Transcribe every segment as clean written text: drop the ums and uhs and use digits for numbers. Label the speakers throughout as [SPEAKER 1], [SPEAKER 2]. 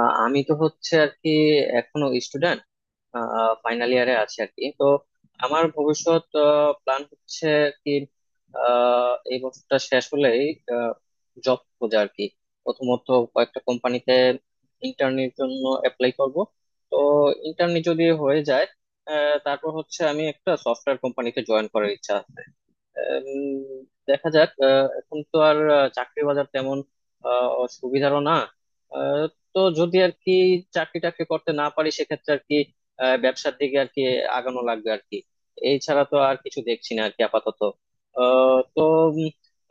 [SPEAKER 1] আমি তো হচ্ছে আর কি এখনো স্টুডেন্ট, ফাইনাল ইয়ারে আছি আর কি। তো আমার ভবিষ্যৎ প্ল্যান হচ্ছে আর কি এই বছরটা শেষ হলেই জব খোঁজা আর কি। প্রথমত কয়েকটা কোম্পানিতে ইন্টার্নির জন্য অ্যাপ্লাই করব। তো ইন্টার্নি যদি হয়ে যায় তারপর হচ্ছে আমি একটা সফটওয়্যার কোম্পানিতে জয়েন করার ইচ্ছা। উম, দেখা যাক। এখন তো আর চাকরির বাজার তেমন সুবিধারও না। আহ, তো যদি আর কি চাকরি টাকরি করতে না পারি সেক্ষেত্রে আর কি ব্যবসার দিকে আর কি আগানো লাগবে আর কি। এই ছাড়া তো আর কিছু দেখছি না আর কি আপাতত। তো উম,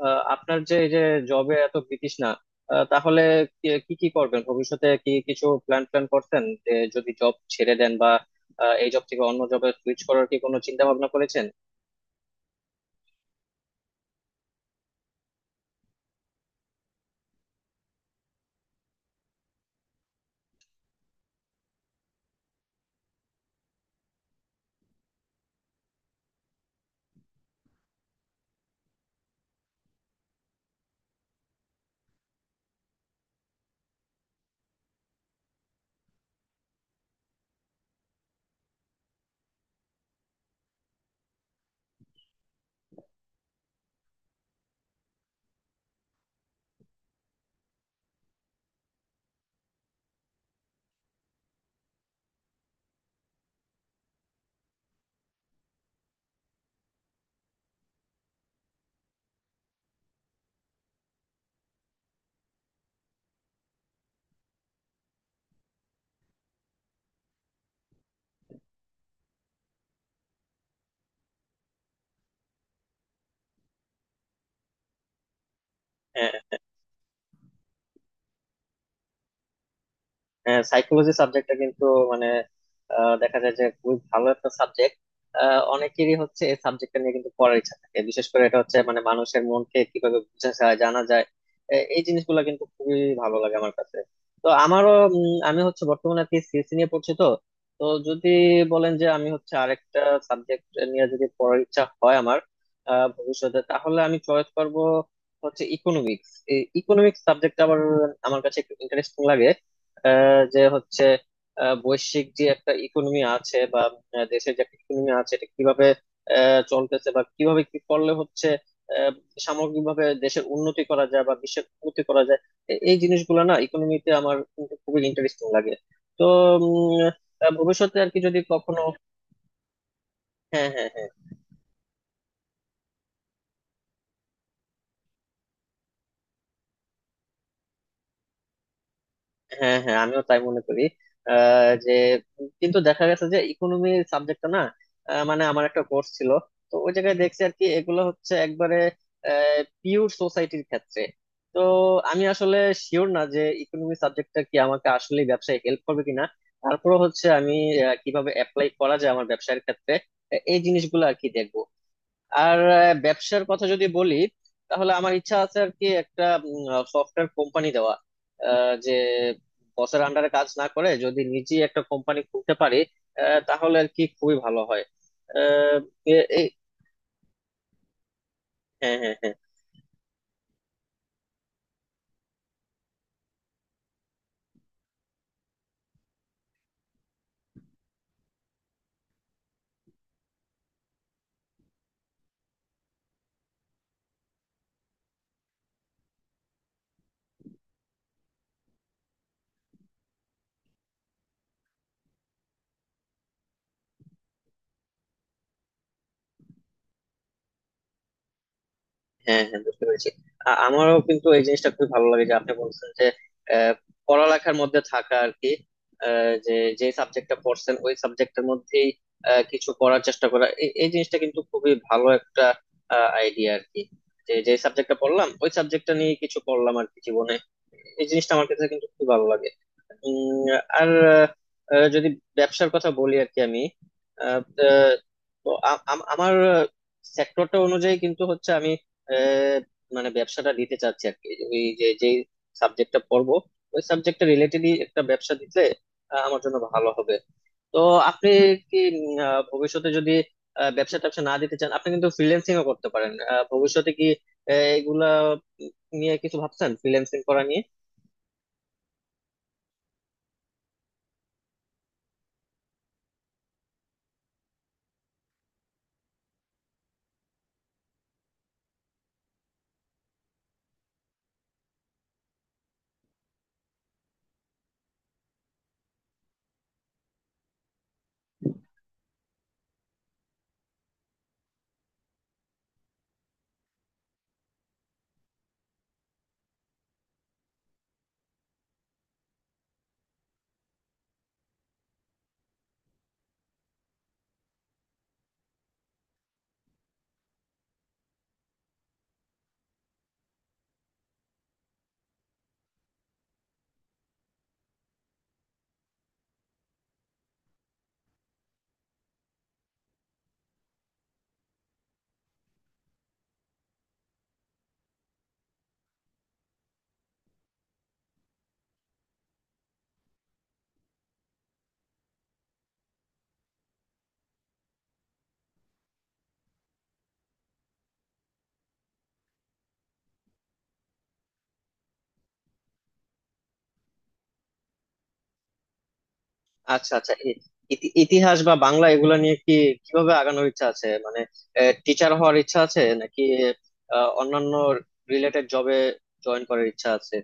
[SPEAKER 1] আপনার যে এই যে জবে এত বিতৃষ্ণা, তাহলে কি কি কি করবেন ভবিষ্যতে? কি কিছু প্ল্যান প্ল্যান করছেন যে যদি জব ছেড়ে দেন বা এই জব থেকে অন্য জবে সুইচ করার কি কোনো চিন্তা ভাবনা করেছেন? হ্যাঁ হ্যাঁ সাইকোলজি সাবজেক্টটা কিন্তু মানে দেখা যায় যে খুবই ভালো একটা সাবজেক্ট। অনেকেরই হচ্ছে এই সাবজেক্টটা নিয়ে কিন্তু পড়ার ইচ্ছা থাকে, বিশেষ করে এটা হচ্ছে মানে মানুষের মনকে কিভাবে বোঝা যায় জানা যায়। এই জিনিসগুলো কিন্তু খুবই ভালো লাগে আমার কাছে। তো আমারও আমি হচ্ছে বর্তমানে আর কি সিএসসি নিয়ে পড়ছি। তো তো যদি বলেন যে আমি হচ্ছে আরেকটা সাবজেক্ট নিয়ে যদি পড়ার ইচ্ছা হয় আমার ভবিষ্যতে, তাহলে আমি চয়েস করব হচ্ছে ইকোনমিক্স। এই ইকোনমিক্স সাবজেক্ট আবার আমার কাছে একটু ইন্টারেস্টিং লাগে। যে হচ্ছে বৈশ্বিক যে একটা ইকোনমি আছে বা দেশের যে একটা ইকোনমি আছে, এটা কিভাবে চলতেছে বা কিভাবে কি করলে হচ্ছে আহ, সামগ্রিকভাবে দেশের উন্নতি করা যায় বা বিশ্বের উন্নতি করা যায়। এই জিনিসগুলো না ইকোনমিতে আমার কিন্তু খুবই ইন্টারেস্টিং লাগে। তো উম, ভবিষ্যতে আর কি যদি কখনো হ্যাঁ হ্যাঁ হ্যাঁ। হ্যাঁ হ্যাঁ আমিও তাই মনে করি। যে কিন্তু দেখা গেছে যে ইকোনমি সাবজেক্টটা না মানে আমার একটা কোর্স ছিল। তো ওই জায়গায় দেখছি আর কি এগুলো হচ্ছে একবারে পিওর সোসাইটির ক্ষেত্রে। তো আমি আসলে শিওর না যে ইকোনমি সাবজেক্টটা কি আমাকে আসলে ব্যবসায় হেল্প করবে কিনা। তারপরে হচ্ছে আমি কিভাবে অ্যাপ্লাই করা যায় আমার ব্যবসায়ের ক্ষেত্রে, এই জিনিসগুলো আর কি দেখবো। আর ব্যবসার কথা যদি বলি, তাহলে আমার ইচ্ছা আছে আর কি একটা সফটওয়্যার কোম্পানি দেওয়া। যে বসের আন্ডারে কাজ না করে যদি নিজে একটা কোম্পানি খুলতে পারি তাহলে আর কি খুবই ভালো হয়। আহ, এ- এই- হ্যাঁ হ্যাঁ হ্যাঁ। হ্যাঁ হ্যাঁ বুঝতে পেরেছি। আমারও কিন্তু এই জিনিসটা খুব ভালো লাগে যে আপনি বলছেন যে আহ, পড়ালেখার মধ্যে থাকা আর কি যে যে সাবজেক্টটা পড়ছেন ওই সাবজেক্টের মধ্যেই কিছু করার চেষ্টা করা, এই এই জিনিসটা কিন্তু খুবই ভালো একটা আইডিয়া আর কি। যে যে সাবজেক্টটা পড়লাম ওই সাবজেক্টটা নিয়ে কিছু করলাম আর কি জীবনে, এই জিনিসটা আমার কাছে কিন্তু খুব ভালো লাগে। উম, আর যদি ব্যবসার কথা বলি আর কি আমি আহ, তো আমার সেক্টরটা অনুযায়ী কিন্তু হচ্ছে আমি আহ, মানে ব্যবসাটা দিতে চাচ্ছি আর কি। ওই যে যে সাবজেক্টটা পড়বো ওই সাবজেক্টটা রিলেটেডই একটা ব্যবসা দিতে আমার জন্য ভালো হবে। তো আপনি কি ভবিষ্যতে যদি ব্যবসা ট্যাবসা না দিতে চান, আপনি কিন্তু ফ্রিল্যান্সিং ও করতে পারেন। ভবিষ্যতে কি আহ, এগুলা নিয়ে কিছু ভাবছেন, ফ্রিল্যান্সিং করা নিয়ে? আচ্ছা আচ্ছা ইতিহাস বা বাংলা এগুলা নিয়ে কি, কিভাবে আগানোর ইচ্ছা আছে মানে? টিচার হওয়ার ইচ্ছা আছে নাকি অন্যান্য রিলেটেড জবে জয়েন করার ইচ্ছা আছে?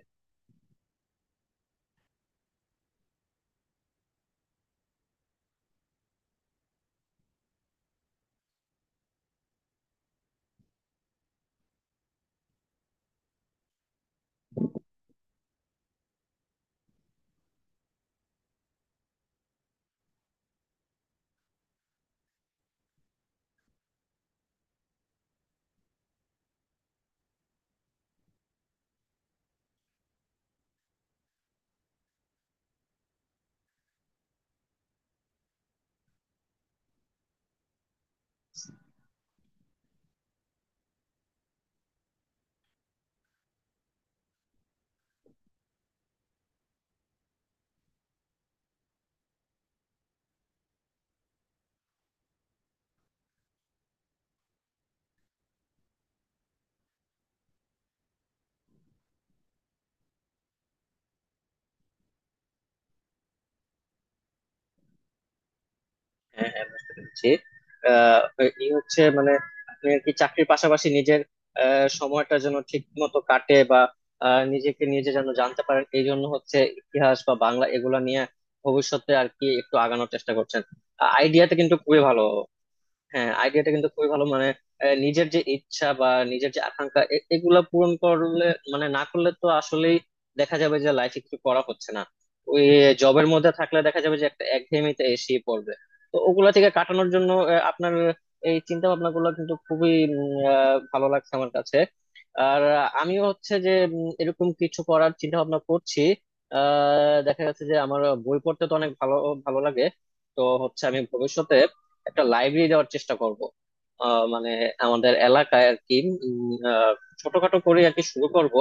[SPEAKER 1] হ্যাঁ হ্যাঁ বুঝতে পেরেছি। আহ এই হচ্ছে মানে আপনি আর কি চাকরির পাশাপাশি নিজের সময়টা যেন ঠিক মতো কাটে বা নিজেকে নিজে যেন জানতে পারেন, এই জন্য হচ্ছে ইতিহাস বা বাংলা এগুলা নিয়ে ভবিষ্যতে আর কি একটু আগানোর চেষ্টা করছেন। আইডিয়াটা কিন্তু খুবই ভালো। হ্যাঁ আইডিয়াটা কিন্তু খুবই ভালো মানে নিজের যে ইচ্ছা বা নিজের যে আকাঙ্ক্ষা এগুলা পূরণ করলে, মানে না করলে তো আসলেই দেখা যাবে যে লাইফে কিছু করা হচ্ছে না। ওই জবের মধ্যে থাকলে দেখা যাবে যে একটা একঘেয়েমিতে এসে পড়বে। তো ওগুলা থেকে কাটানোর জন্য আপনার এই চিন্তা ভাবনা গুলো কিন্তু খুবই ভালো লাগছে আমার কাছে। আর আমিও হচ্ছে যে এরকম কিছু করার চিন্তা ভাবনা করছি। দেখা যাচ্ছে যে আমার বই পড়তে তো অনেক ভালো ভালো লাগে। তো হচ্ছে আমি ভবিষ্যতে একটা লাইব্রেরি দেওয়ার চেষ্টা করব। মানে আমাদের এলাকায় আর কি উম, আহ, ছোটখাটো করে আর কি শুরু করব।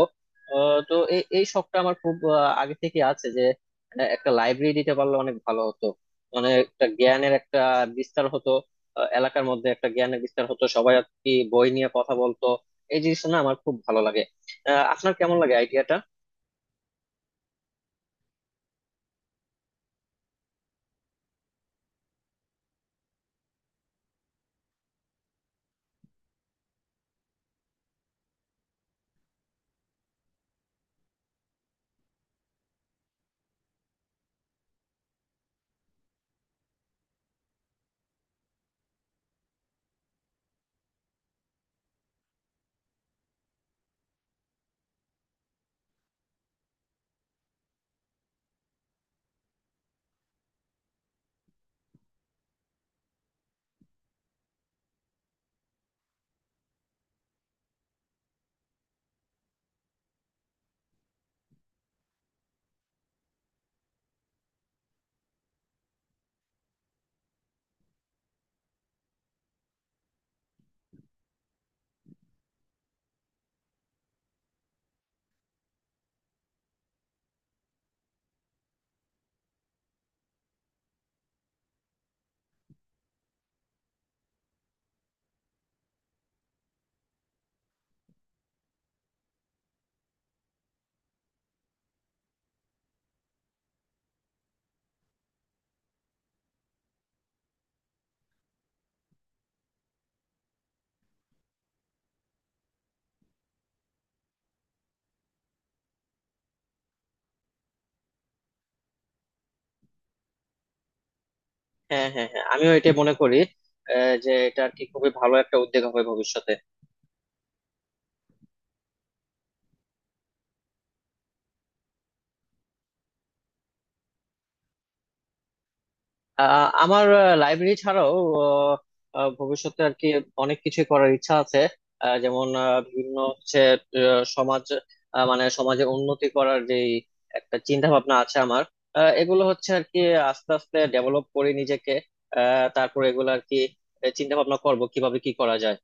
[SPEAKER 1] তো এই এই শখটা আমার খুব আগে থেকে আছে যে একটা লাইব্রেরি দিতে পারলে অনেক ভালো হতো, মানে একটা জ্ঞানের একটা বিস্তার হতো। এলাকার মধ্যে একটা জ্ঞানের বিস্তার হতো, সবাই আর কি বই নিয়ে কথা বলতো, এই জিনিসটা না আমার খুব ভালো লাগে। আপনার কেমন লাগে আইডিয়াটা? হ্যাঁ হ্যাঁ হ্যাঁ আমিও এটা মনে করি। যে এটা আর কি খুবই ভালো একটা উদ্যোগ হবে ভবিষ্যতে। আমার লাইব্রেরি ছাড়াও আহ, ভবিষ্যতে আর কি অনেক কিছু করার ইচ্ছা আছে। যেমন বিভিন্ন হচ্ছে সমাজ মানে সমাজে উন্নতি করার যে একটা চিন্তা ভাবনা আছে আমার। এগুলো হচ্ছে আর কি আস্তে আস্তে ডেভেলপ করি নিজেকে। তারপরে এগুলো আর কি চিন্তা ভাবনা করবো কিভাবে কি করা যায়।